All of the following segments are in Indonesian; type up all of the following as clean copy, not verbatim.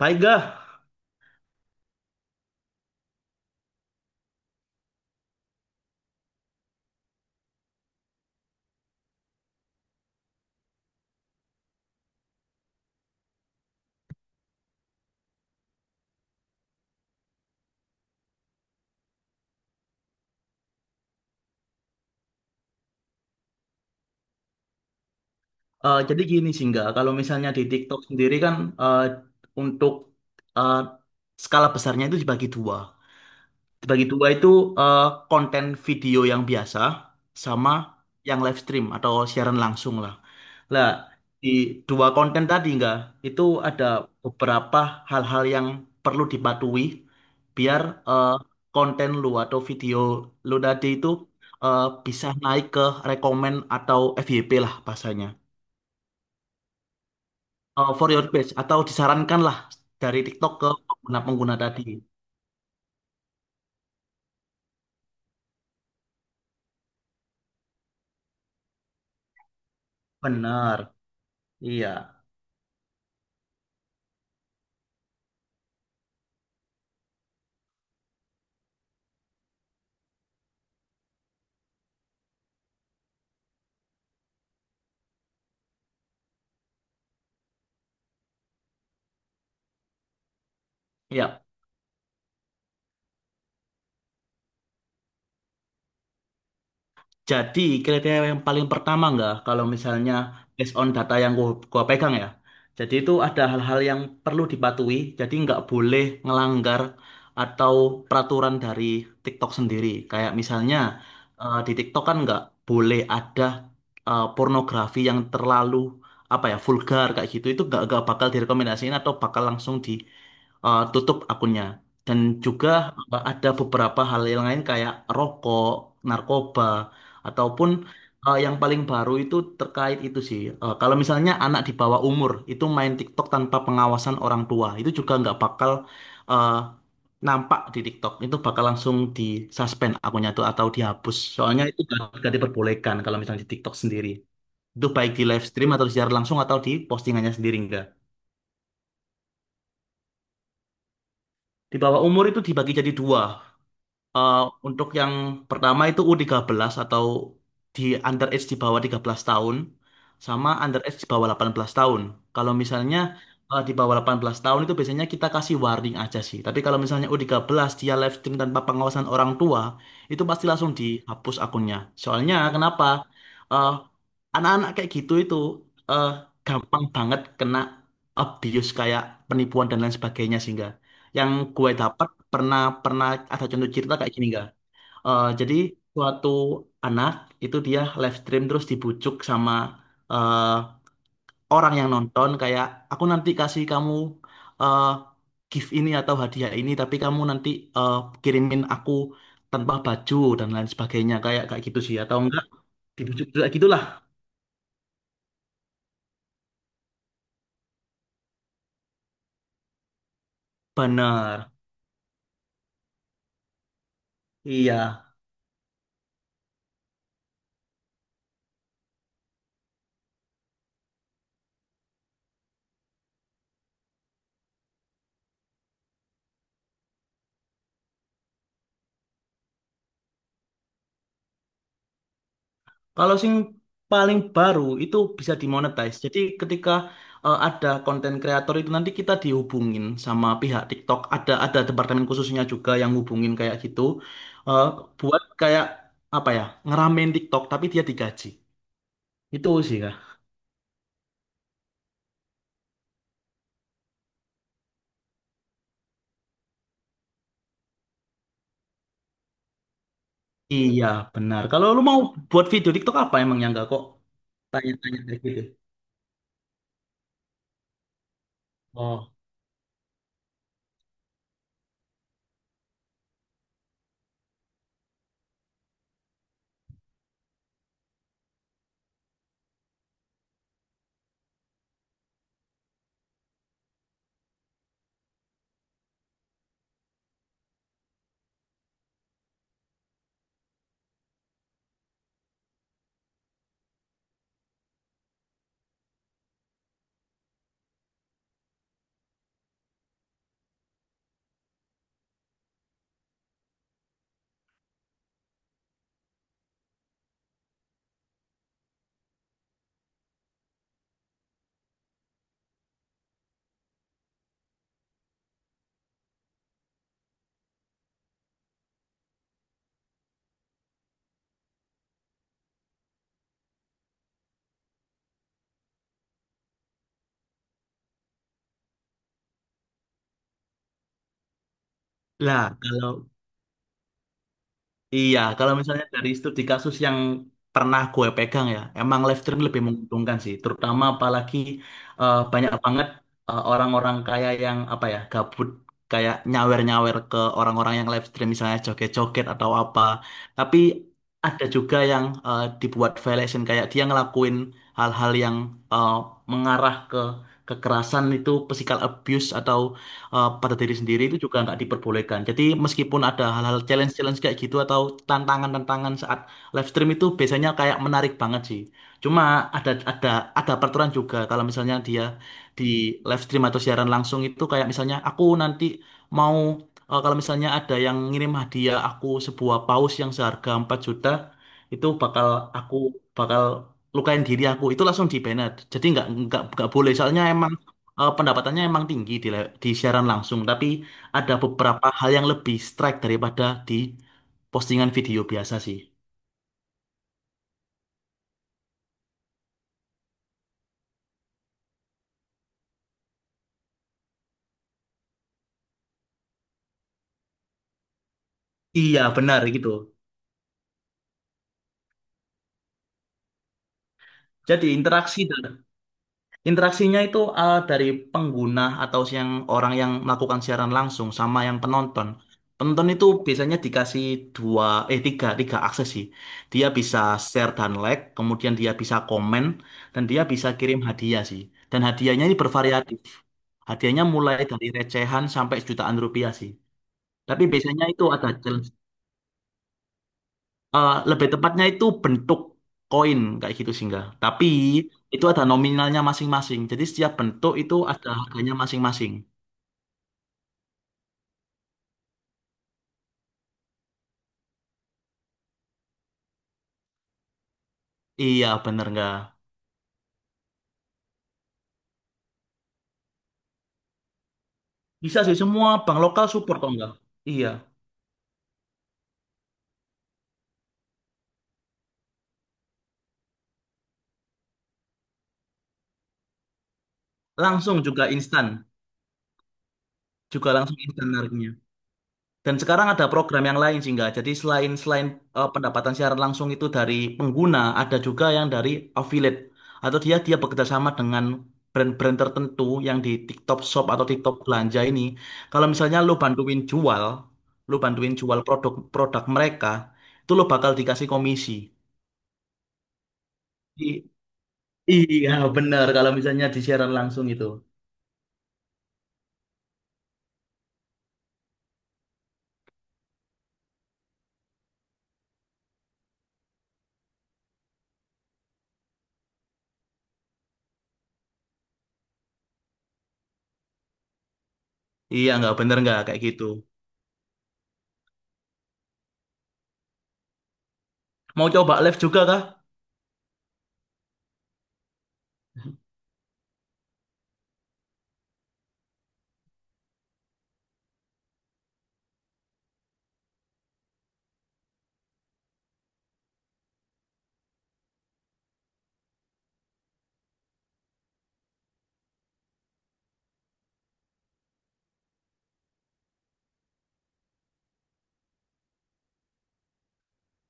Baiklah, jadi gini sih nggak, kalau misalnya di TikTok sendiri kan eh, untuk eh, skala besarnya itu dibagi dua. Dibagi dua itu eh, konten video yang biasa sama yang live stream atau siaran langsung lah. Lah, di dua konten tadi nggak, itu ada beberapa hal-hal yang perlu dipatuhi biar eh, konten lu atau video lu tadi itu bisa naik ke rekomen atau FYP lah bahasanya. For your page atau disarankanlah dari TikTok ke pengguna-pengguna tadi. Benar. Iya. Iya. Jadi kriteria yang paling pertama nggak kalau misalnya based on data yang gua pegang ya. Jadi itu ada hal-hal yang perlu dipatuhi. Jadi nggak boleh ngelanggar atau peraturan dari TikTok sendiri. Kayak misalnya di TikTok kan nggak boleh ada pornografi yang terlalu apa ya vulgar kayak gitu. Itu nggak bakal direkomendasiin atau bakal langsung ditutup akunnya. Dan juga ada beberapa hal yang lain kayak rokok, narkoba. Ataupun yang paling baru itu terkait itu sih. Kalau misalnya anak di bawah umur itu main TikTok tanpa pengawasan orang tua, itu juga nggak bakal eh, nampak di TikTok. Itu bakal langsung di suspend akunnya tuh atau dihapus. Soalnya itu nggak diperbolehkan kalau misalnya di TikTok sendiri. Itu baik di live stream atau secara langsung atau di postingannya sendiri enggak. Di bawah umur itu dibagi jadi dua. Eh, untuk yang pertama itu U13 atau di under age di bawah 13 tahun sama under age di bawah 18 tahun. Kalau misalnya di bawah 18 tahun itu biasanya kita kasih warning aja sih. Tapi kalau misalnya U13 dia live stream tanpa pengawasan orang tua, itu pasti langsung dihapus akunnya. Soalnya kenapa? Eh, Anak-anak kayak gitu itu eh, gampang banget kena abuse kayak penipuan dan lain sebagainya sehingga yang gue dapat pernah pernah ada contoh cerita kayak gini gak? Jadi suatu anak itu dia live stream terus dibujuk sama eh, orang yang nonton kayak aku nanti kasih kamu eh, gift ini atau hadiah ini tapi kamu nanti eh, kirimin aku tanpa baju dan lain sebagainya kayak kayak gitu sih atau enggak dibujuk kayak gitulah. Bener. Iya. Kalau sing paling baru itu bisa dimonetize. Jadi ketika ada konten kreator itu nanti kita dihubungin sama pihak TikTok. Ada departemen khususnya juga yang hubungin kayak gitu eh, buat kayak apa ya ngeramein TikTok tapi dia digaji. Itu sih, Kak. Iya, benar. Kalau lu mau buat video TikTok apa emang yang enggak kok tanya-tanya kayak gitu. Oh. Lah kalau Iya, kalau misalnya dari studi kasus yang pernah gue pegang ya, emang live stream lebih menguntungkan sih, terutama apalagi banyak banget orang-orang kaya yang apa ya, gabut kayak nyawer-nyawer ke orang-orang yang live stream misalnya joget-joget atau apa. Tapi ada juga yang dibuat violation kayak dia ngelakuin hal-hal yang eh, mengarah ke kekerasan itu physical abuse atau pada diri sendiri itu juga nggak diperbolehkan. Jadi meskipun ada hal-hal challenge-challenge kayak gitu atau tantangan-tantangan saat live stream itu biasanya kayak menarik banget sih. Cuma ada ada ada peraturan juga kalau misalnya dia di live stream atau siaran langsung itu kayak misalnya aku nanti mau kalau misalnya ada yang ngirim hadiah aku sebuah paus yang seharga 4 juta itu bakal aku bakal lukain diri aku itu langsung di banned. Jadi nggak boleh soalnya emang pendapatannya emang tinggi di siaran langsung, tapi ada beberapa hal yang lebih strike daripada di postingan video biasa sih. Iya, benar gitu. Jadi interaksi dan Interaksinya itu dari pengguna atau yang orang yang melakukan siaran langsung sama yang penonton. Penonton itu biasanya dikasih dua, tiga akses sih. Dia bisa share dan like, kemudian dia bisa komen, dan dia bisa kirim hadiah sih. Dan hadiahnya ini bervariatif. Hadiahnya mulai dari recehan sampai jutaan rupiah sih. Tapi biasanya itu ada challenge. Lebih tepatnya itu bentuk koin kayak gitu sih enggak. Tapi itu ada nominalnya masing-masing. Jadi setiap bentuk itu ada harganya masing-masing. Iya, bener nggak? Bisa sih semua bank lokal support kok enggak? Iya. Langsung juga instan. Juga langsung instan harganya. Dan sekarang ada program yang lain sih nggak. Jadi selain selain pendapatan siaran langsung itu dari pengguna, ada juga yang dari affiliate atau dia dia bekerja sama dengan brand-brand tertentu yang di TikTok Shop atau TikTok belanja ini. Kalau misalnya lu bantuin jual produk-produk mereka, itu lu bakal dikasih komisi. I- iya, bener kalau misalnya di siaran langsung itu. Iya, nggak bener nggak kayak gitu. Mau coba live juga kah?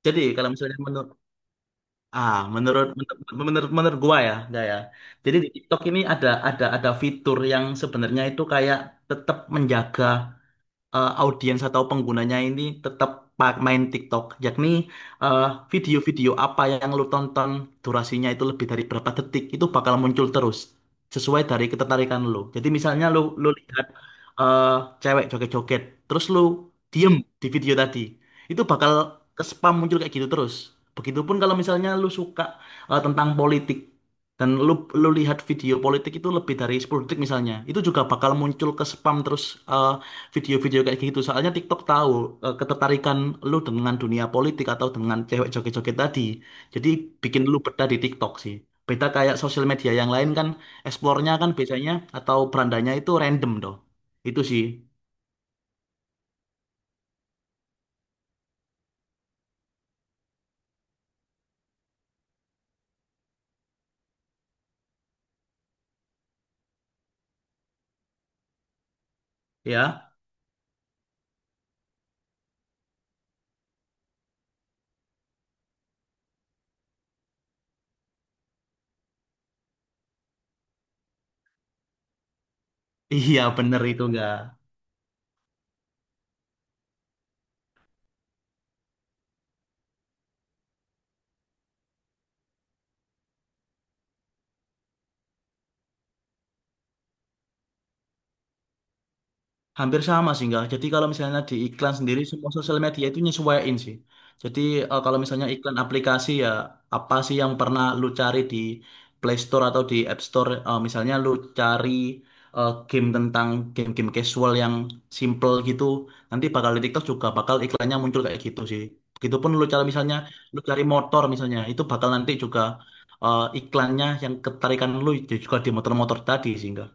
Jadi kalau misalnya menurut gua ya, enggak ya. Jadi di TikTok ini ada fitur yang sebenarnya itu kayak tetap menjaga audiens atau penggunanya ini tetap main TikTok, yakni eh, video-video apa yang lu tonton durasinya itu lebih dari berapa detik itu bakal muncul terus sesuai dari ketertarikan lu. Jadi misalnya lu lu lihat eh, cewek joget-joget, terus lu diem di video tadi, itu bakal ke spam muncul kayak gitu terus. Begitupun kalau misalnya lu suka tentang politik dan lu lu lihat video politik itu lebih dari 10 detik misalnya, itu juga bakal muncul ke spam terus eh, video-video kayak gitu. Soalnya TikTok tahu ketertarikan lu dengan dunia politik atau dengan cewek joget-joget tadi. Jadi bikin lu betah di TikTok sih. Beda kayak sosial media yang lain kan explore-nya kan biasanya atau berandanya itu random doh. Itu sih, ya. Iya, bener itu enggak. Hampir sama sih enggak. Jadi kalau misalnya di iklan sendiri semua sosial media itu nyesuaiin sih. Jadi kalau misalnya iklan aplikasi ya apa sih yang pernah lu cari di Play Store atau di App Store. Misalnya lu cari game tentang game-game casual yang simple gitu nanti bakal di TikTok juga bakal iklannya muncul kayak gitu sih. Begitupun lu cari misalnya lu cari motor misalnya itu bakal nanti juga iklannya yang ketarikan lu juga di motor-motor tadi sih enggak.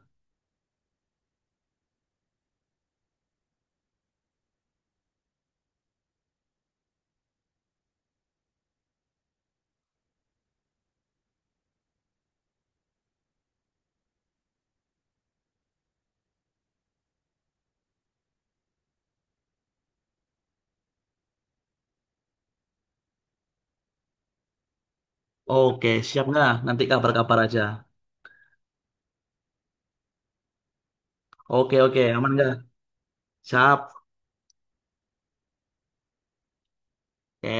Oke, siap nggak? Nanti kabar-kabar aja. Oke, oke, aman nggak? Siap. Oke,